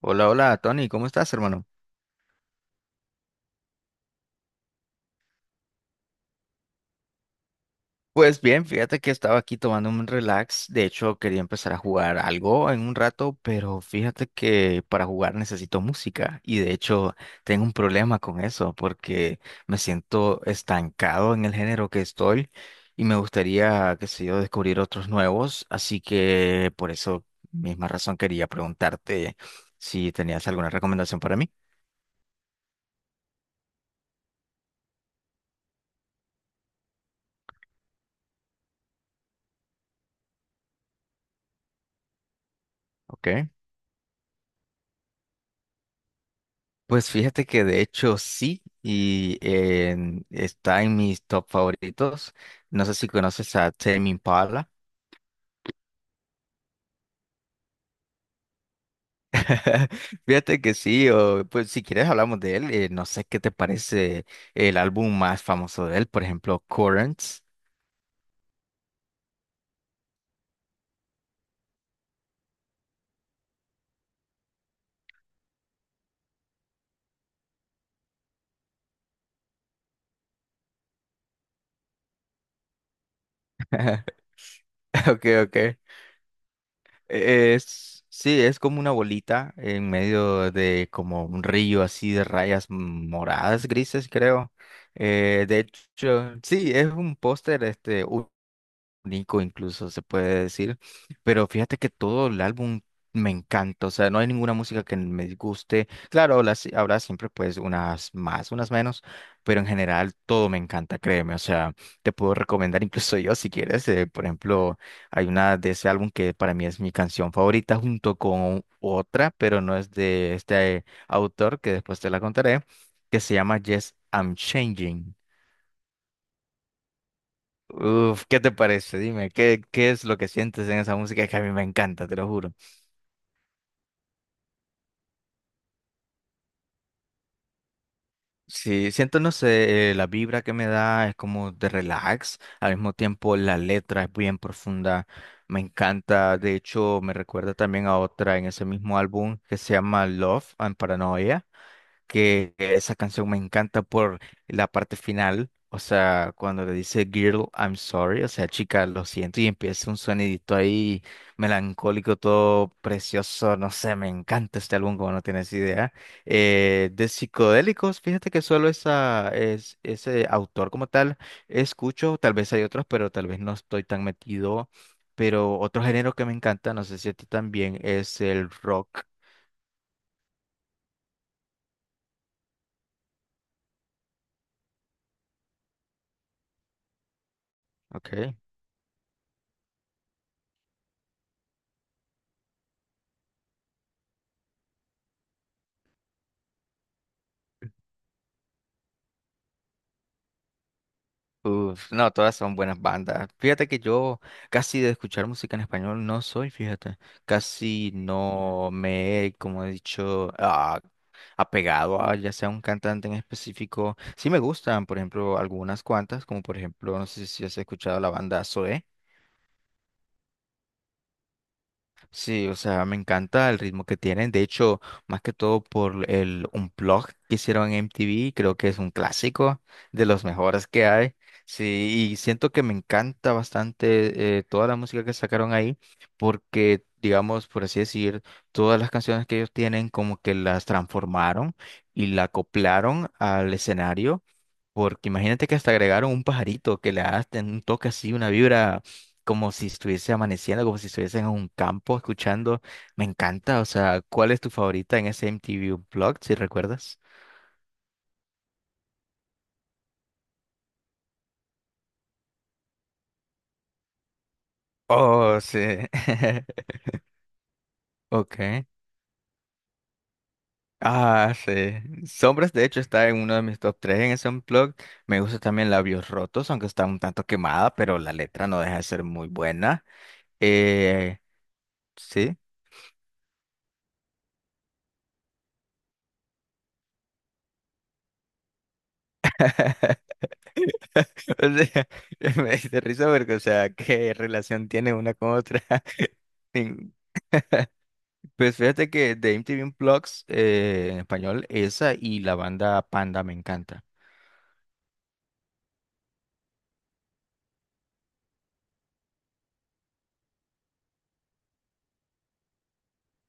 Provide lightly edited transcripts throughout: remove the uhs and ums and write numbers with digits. Hola, hola, Tony, ¿cómo estás, hermano? Pues bien, fíjate que estaba aquí tomando un relax. De hecho, quería empezar a jugar algo en un rato, pero fíjate que para jugar necesito música y de hecho tengo un problema con eso porque me siento estancado en el género que estoy y me gustaría, qué sé yo, descubrir otros nuevos. Así que por eso, misma razón, quería preguntarte si tenías alguna recomendación para mí. Ok. Pues fíjate que de hecho sí, y está en mis top favoritos. No sé si conoces a Tame Impala. Fíjate que sí, o pues si quieres hablamos de él. No sé qué te parece el álbum más famoso de él, por ejemplo, Currents. Ok, ok. Sí, es como una bolita en medio de como un río así de rayas moradas, grises, creo. De hecho, sí, es un póster este, Nico incluso se puede decir, pero fíjate que todo el álbum me encanta, o sea, no hay ninguna música que me disguste, claro, habrá siempre pues unas más, unas menos, pero en general todo me encanta, créeme, o sea, te puedo recomendar incluso yo si quieres, por ejemplo, hay una de ese álbum que para mí es mi canción favorita junto con otra, pero no es de este autor, que después te la contaré, que se llama Yes, I'm Changing. Uf, ¿qué te parece? Dime, ¿qué es lo que sientes en esa música? Es que a mí me encanta, te lo juro. Sí, siento, no sé, la vibra que me da es como de relax, al mismo tiempo la letra es bien profunda, me encanta, de hecho me recuerda también a otra en ese mismo álbum que se llama Love and Paranoia, que esa canción me encanta por la parte final, o sea, cuando le dice Girl, I'm sorry, o sea, chica, lo siento, y empieza un sonidito ahí melancólico, todo precioso, no sé, me encanta este álbum, como no tienes idea. De psicodélicos, fíjate que solo ese autor como tal escucho, tal vez hay otros, pero tal vez no estoy tan metido. Pero otro género que me encanta, no sé si a ti también, es el rock, ¿ok? Uf, no, todas son buenas bandas. Fíjate que yo casi de escuchar música en español no soy, fíjate. Casi no me he, como he dicho, apegado a ya sea un cantante en específico. Sí me gustan, por ejemplo, algunas cuantas, como por ejemplo, no sé si has escuchado la banda Zoé. Sí, o sea, me encanta el ritmo que tienen. De hecho, más que todo por el Unplugged que hicieron en MTV, creo que es un clásico de los mejores que hay. Sí, y siento que me encanta bastante toda la música que sacaron ahí, porque, digamos, por así decir, todas las canciones que ellos tienen como que las transformaron y la acoplaron al escenario. Porque imagínate que hasta agregaron un pajarito que le da un toque así, una vibra como si estuviese amaneciendo, como si estuviese en un campo escuchando. Me encanta, o sea, ¿cuál es tu favorita en ese MTV blog, si recuerdas? Oh, sí. Ok. Ah, sí. Sombras, de hecho, está en uno de mis top 3 en ese unplug. Me gusta también Labios Rotos, aunque está un tanto quemada, pero la letra no deja de ser muy buena. Eh, sí. O sea, me hice risa porque, o sea, ¿qué relación tiene una con otra? En- Pues fíjate que de MTV Unplugged, en español, esa y la banda Panda me encanta.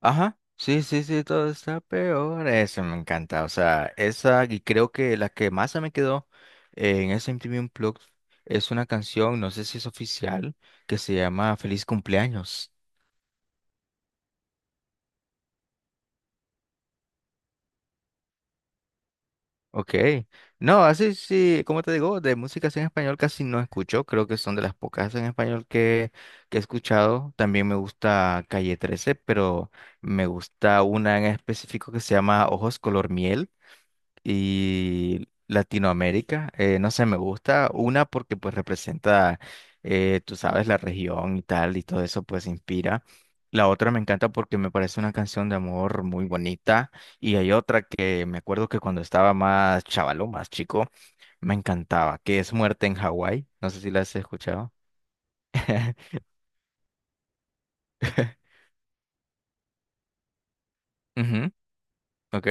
Ajá, sí, sí, sí, todo está peor. Eso me encanta, o sea, esa y creo que la que más se me quedó, en ese MTV Unplugged, es una canción, no sé si es oficial, que se llama Feliz Cumpleaños. Ok. No, así sí, como te digo, de músicas en español casi no escucho. Creo que son de las pocas en español que he escuchado. También me gusta Calle 13, pero me gusta una en específico que se llama Ojos Color Miel y Latinoamérica. No sé, me gusta una porque pues representa, tú sabes, la región y tal, y todo eso pues inspira. La otra me encanta porque me parece una canción de amor muy bonita. Y hay otra que me acuerdo que cuando estaba más chavalo, más chico, me encantaba, que es Muerte en Hawái. No sé si la has escuchado. Ujú, ok.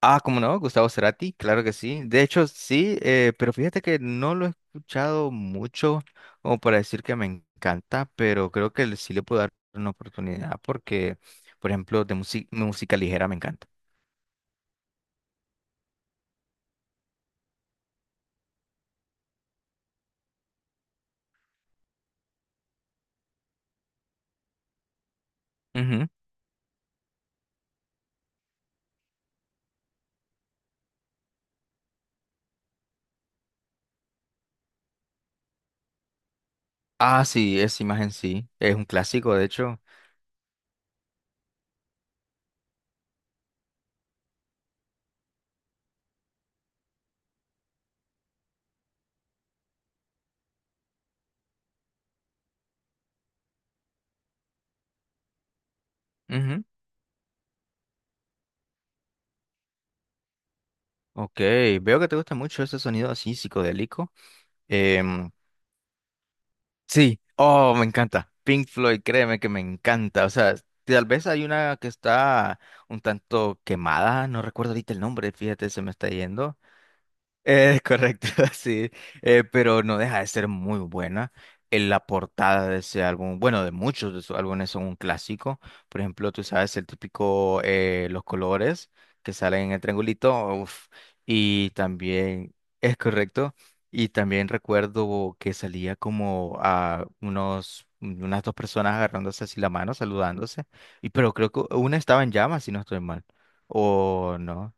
Ah, ¿cómo no? Gustavo Cerati, claro que sí. De hecho, sí, pero fíjate que no lo he escuchado mucho como para decir que me encanta, pero creo que sí le puedo dar una oportunidad porque, por ejemplo, de música ligera me encanta. Ujú. Ah, sí, esa imagen sí, es un clásico, de hecho. Ujú. Ok, veo que te gusta mucho ese sonido así psicodélico. Em, Sí, oh, me encanta. Pink Floyd, créeme que me encanta. O sea, tal vez hay una que está un tanto quemada, no recuerdo ahorita el nombre, fíjate, se me está yendo. Es correcto, sí, pero no deja de ser muy buena. En la portada de ese álbum, bueno, de muchos de sus álbumes son un clásico. Por ejemplo, tú sabes el típico, los colores que salen en el triangulito, uf, y también es correcto. Y también recuerdo que salía como a unas dos personas agarrándose así la mano, saludándose. Y pero creo que una estaba en llamas, si no estoy mal, o no.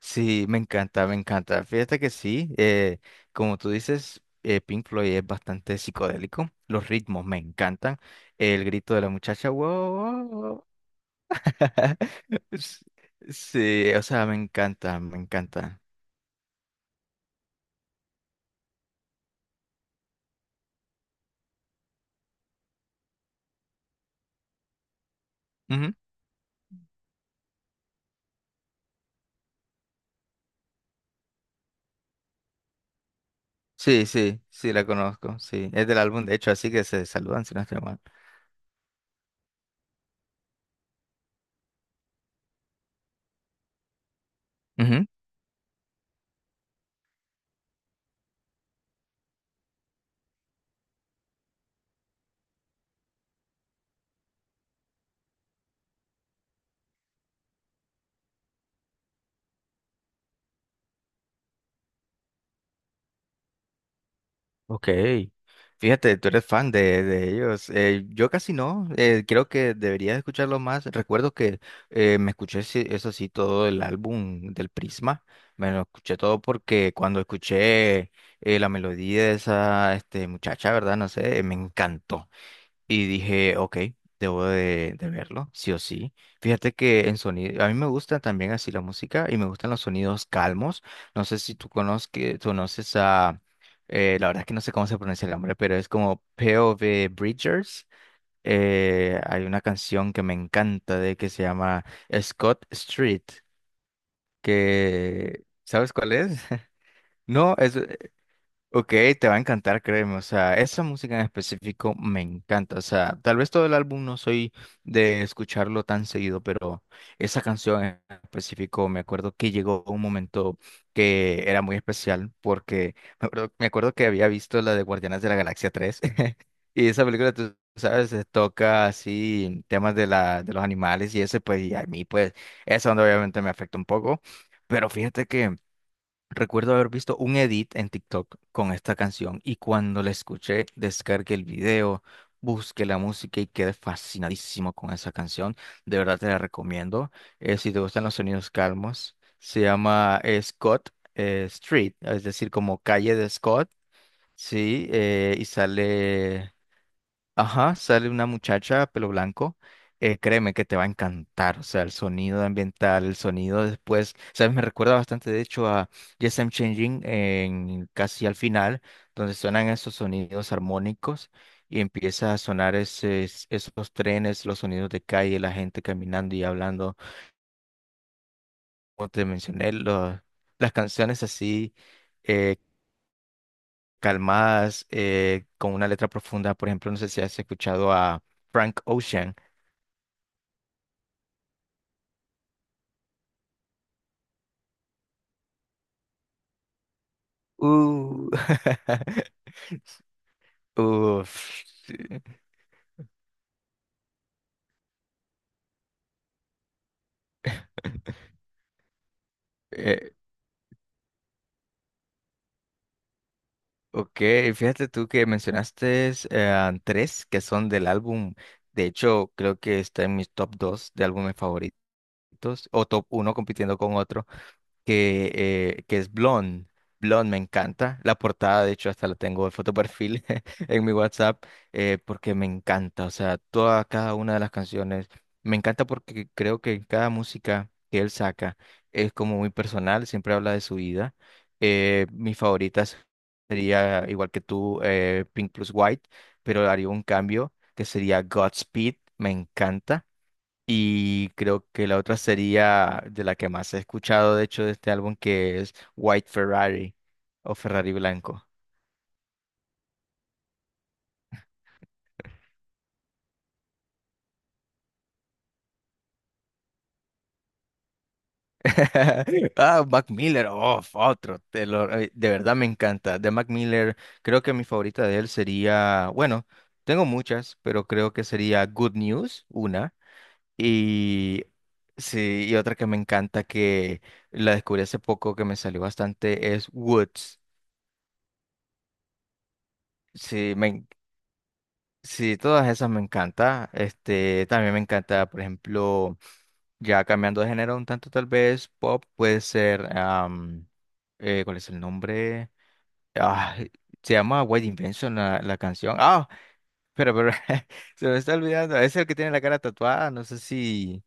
Sí, me encanta, me encanta. Fíjate que sí, como tú dices, Pink Floyd es bastante psicodélico. Los ritmos me encantan. El grito de la muchacha, wow, wow". wow". S- Sí, o sea, me encanta, me encanta. Ujú. Sí, sí, sí, la conozco, sí. Es del álbum, de hecho, así que se saludan si no estoy mal. Ok, fíjate, tú eres fan de ellos. Yo casi no, creo que debería escucharlo más. Recuerdo que me escuché, eso sí, todo el álbum del Prisma. Me lo escuché todo porque cuando escuché la melodía de esa muchacha, ¿verdad? No sé, me encantó. Y dije, ok, debo de verlo, sí o sí. Fíjate que en sonido, a mí me gusta también así la música y me gustan los sonidos calmos. No sé si tú conoces a, la verdad es que no sé cómo se pronuncia el nombre, pero es como P O P.O.V. Bridgers. Hay una canción que me encanta de que se llama Scott Street, que, ¿sabes cuál es? No, ok, te va a encantar, créeme. O sea, esa música en específico me encanta. O sea, tal vez todo el álbum no soy de escucharlo tan seguido, pero esa canción en específico me acuerdo que llegó un momento que era muy especial porque me acuerdo que había visto la de Guardianes de la Galaxia 3 y esa película, tú sabes, se toca así temas de los animales y ese, pues, y a mí, pues, esa onda obviamente me afecta un poco. Pero fíjate que. Recuerdo haber visto un edit en TikTok con esta canción y cuando la escuché, descargué el video, busqué la música y quedé fascinadísimo con esa canción. De verdad te la recomiendo. Si te gustan los sonidos calmos, se llama Scott Street, es decir, como calle de Scott, sí, y sale. Ajá, sale una muchacha, pelo blanco. Créeme que te va a encantar. O sea, el sonido ambiental, el sonido después. ¿Sabes? Me recuerda bastante, de hecho, a Yes, I'm Changing en casi al final, donde suenan esos sonidos armónicos y empieza a sonar esos trenes, los sonidos de calle, la gente caminando y hablando. Como te mencioné, las canciones así, eh, calmadas, con una letra profunda, por ejemplo, no sé si has escuchado a Frank Ocean. Uh. Uf. Sí. Eh, ok, fíjate tú que mencionaste tres que son del álbum. De hecho, creo que está en mis top dos de álbumes favoritos o top uno compitiendo con otro, que, que es Blonde. Blonde me encanta. La portada, de hecho, hasta la tengo de foto perfil en mi WhatsApp, porque me encanta. O sea, toda cada una de las canciones. Me encanta porque creo que cada música que él saca es como muy personal, siempre habla de su vida. Mis favoritas sería, igual que tú, Pink Plus White, pero haría un cambio que sería Godspeed. Me encanta. Y creo que la otra sería de la que más he escuchado, de hecho, de este álbum, que es White Ferrari o Ferrari Blanco. Ah, Mac Miller, oh, otro. De verdad me encanta. De Mac Miller, creo que mi favorita de él sería, bueno, tengo muchas, pero creo que sería Good News, una. Y sí, y otra que me encanta, que la descubrí hace poco, que me salió bastante, es Woods. Sí, sí, todas esas me encanta. También me encanta, por ejemplo, ya cambiando de género un tanto tal vez, pop puede ser, ¿cuál es el nombre? Ah, se llama White Invention la canción. Ah, pero se me está olvidando. Es el que tiene la cara tatuada. No sé si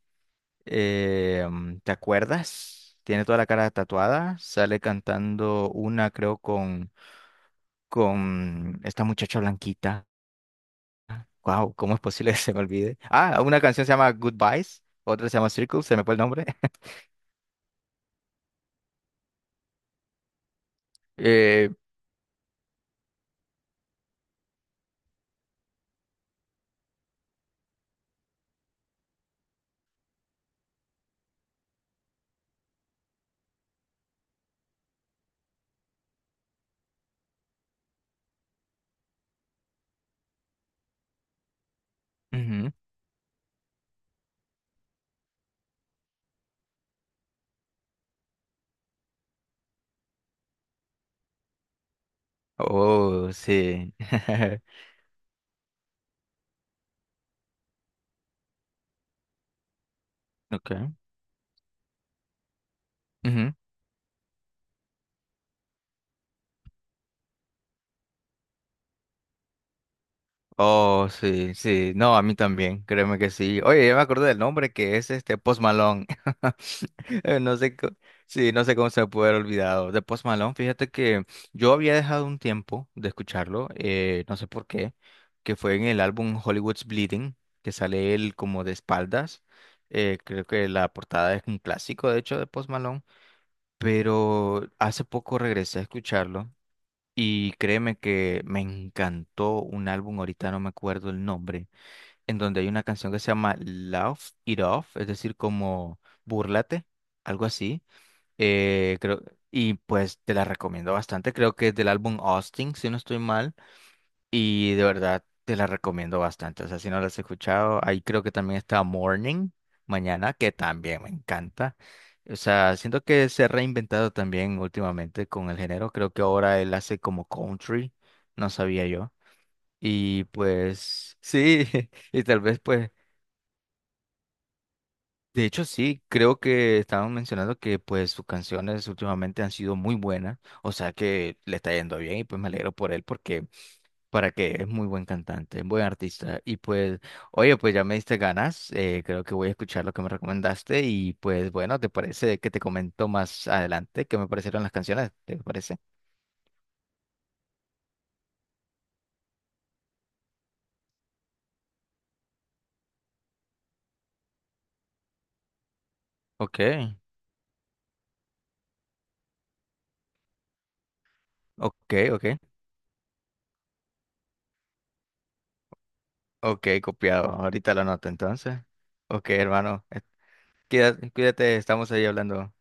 te acuerdas. Tiene toda la cara tatuada. Sale cantando una, creo, con esta muchacha blanquita. Wow, ¿cómo es posible que se me olvide? Ah, una canción se llama Goodbyes, otra se llama Circle, se me fue el nombre. Eh, Ujú. Oh, sí. Okay. Ujú. Oh, sí, sí. No, a mí también, créeme que sí. Oye, ya me acordé del nombre que es este Post Malone. No sé, sí, no sé cómo se me puede haber olvidado. De Post Malone, fíjate que yo había dejado un tiempo de escucharlo, no sé por qué, que fue en el álbum Hollywood's Bleeding, que sale él como de espaldas. Creo que la portada es un clásico, de hecho, de Post Malone, pero hace poco regresé a escucharlo y créeme que me encantó un álbum, ahorita no me acuerdo el nombre, en donde hay una canción que se llama Laugh It Off, es decir, como búrlate, algo así creo, y pues te la recomiendo bastante. Creo que es del álbum Austin, si no estoy mal. Y de verdad te la recomiendo bastante. O sea, si no la has escuchado, ahí creo que también está Morning, mañana, que también me encanta. O sea, siento que se ha reinventado también últimamente con el género. Creo que ahora él hace como country, no sabía yo. Y pues sí, y tal vez pues. De hecho, sí, creo que estaban mencionando que pues sus canciones últimamente han sido muy buenas, o sea que le está yendo bien y pues me alegro por él porque para que es muy buen cantante, buen artista y pues, oye, pues ya me diste ganas, creo que voy a escuchar lo que me recomendaste y pues bueno, ¿te parece que te comento más adelante qué me parecieron las canciones? ¿Te parece? Ok, ok, ok, ok, copiado, ahorita lo anoto entonces. Ok, hermano, cuídate, cuídate, estamos ahí hablando.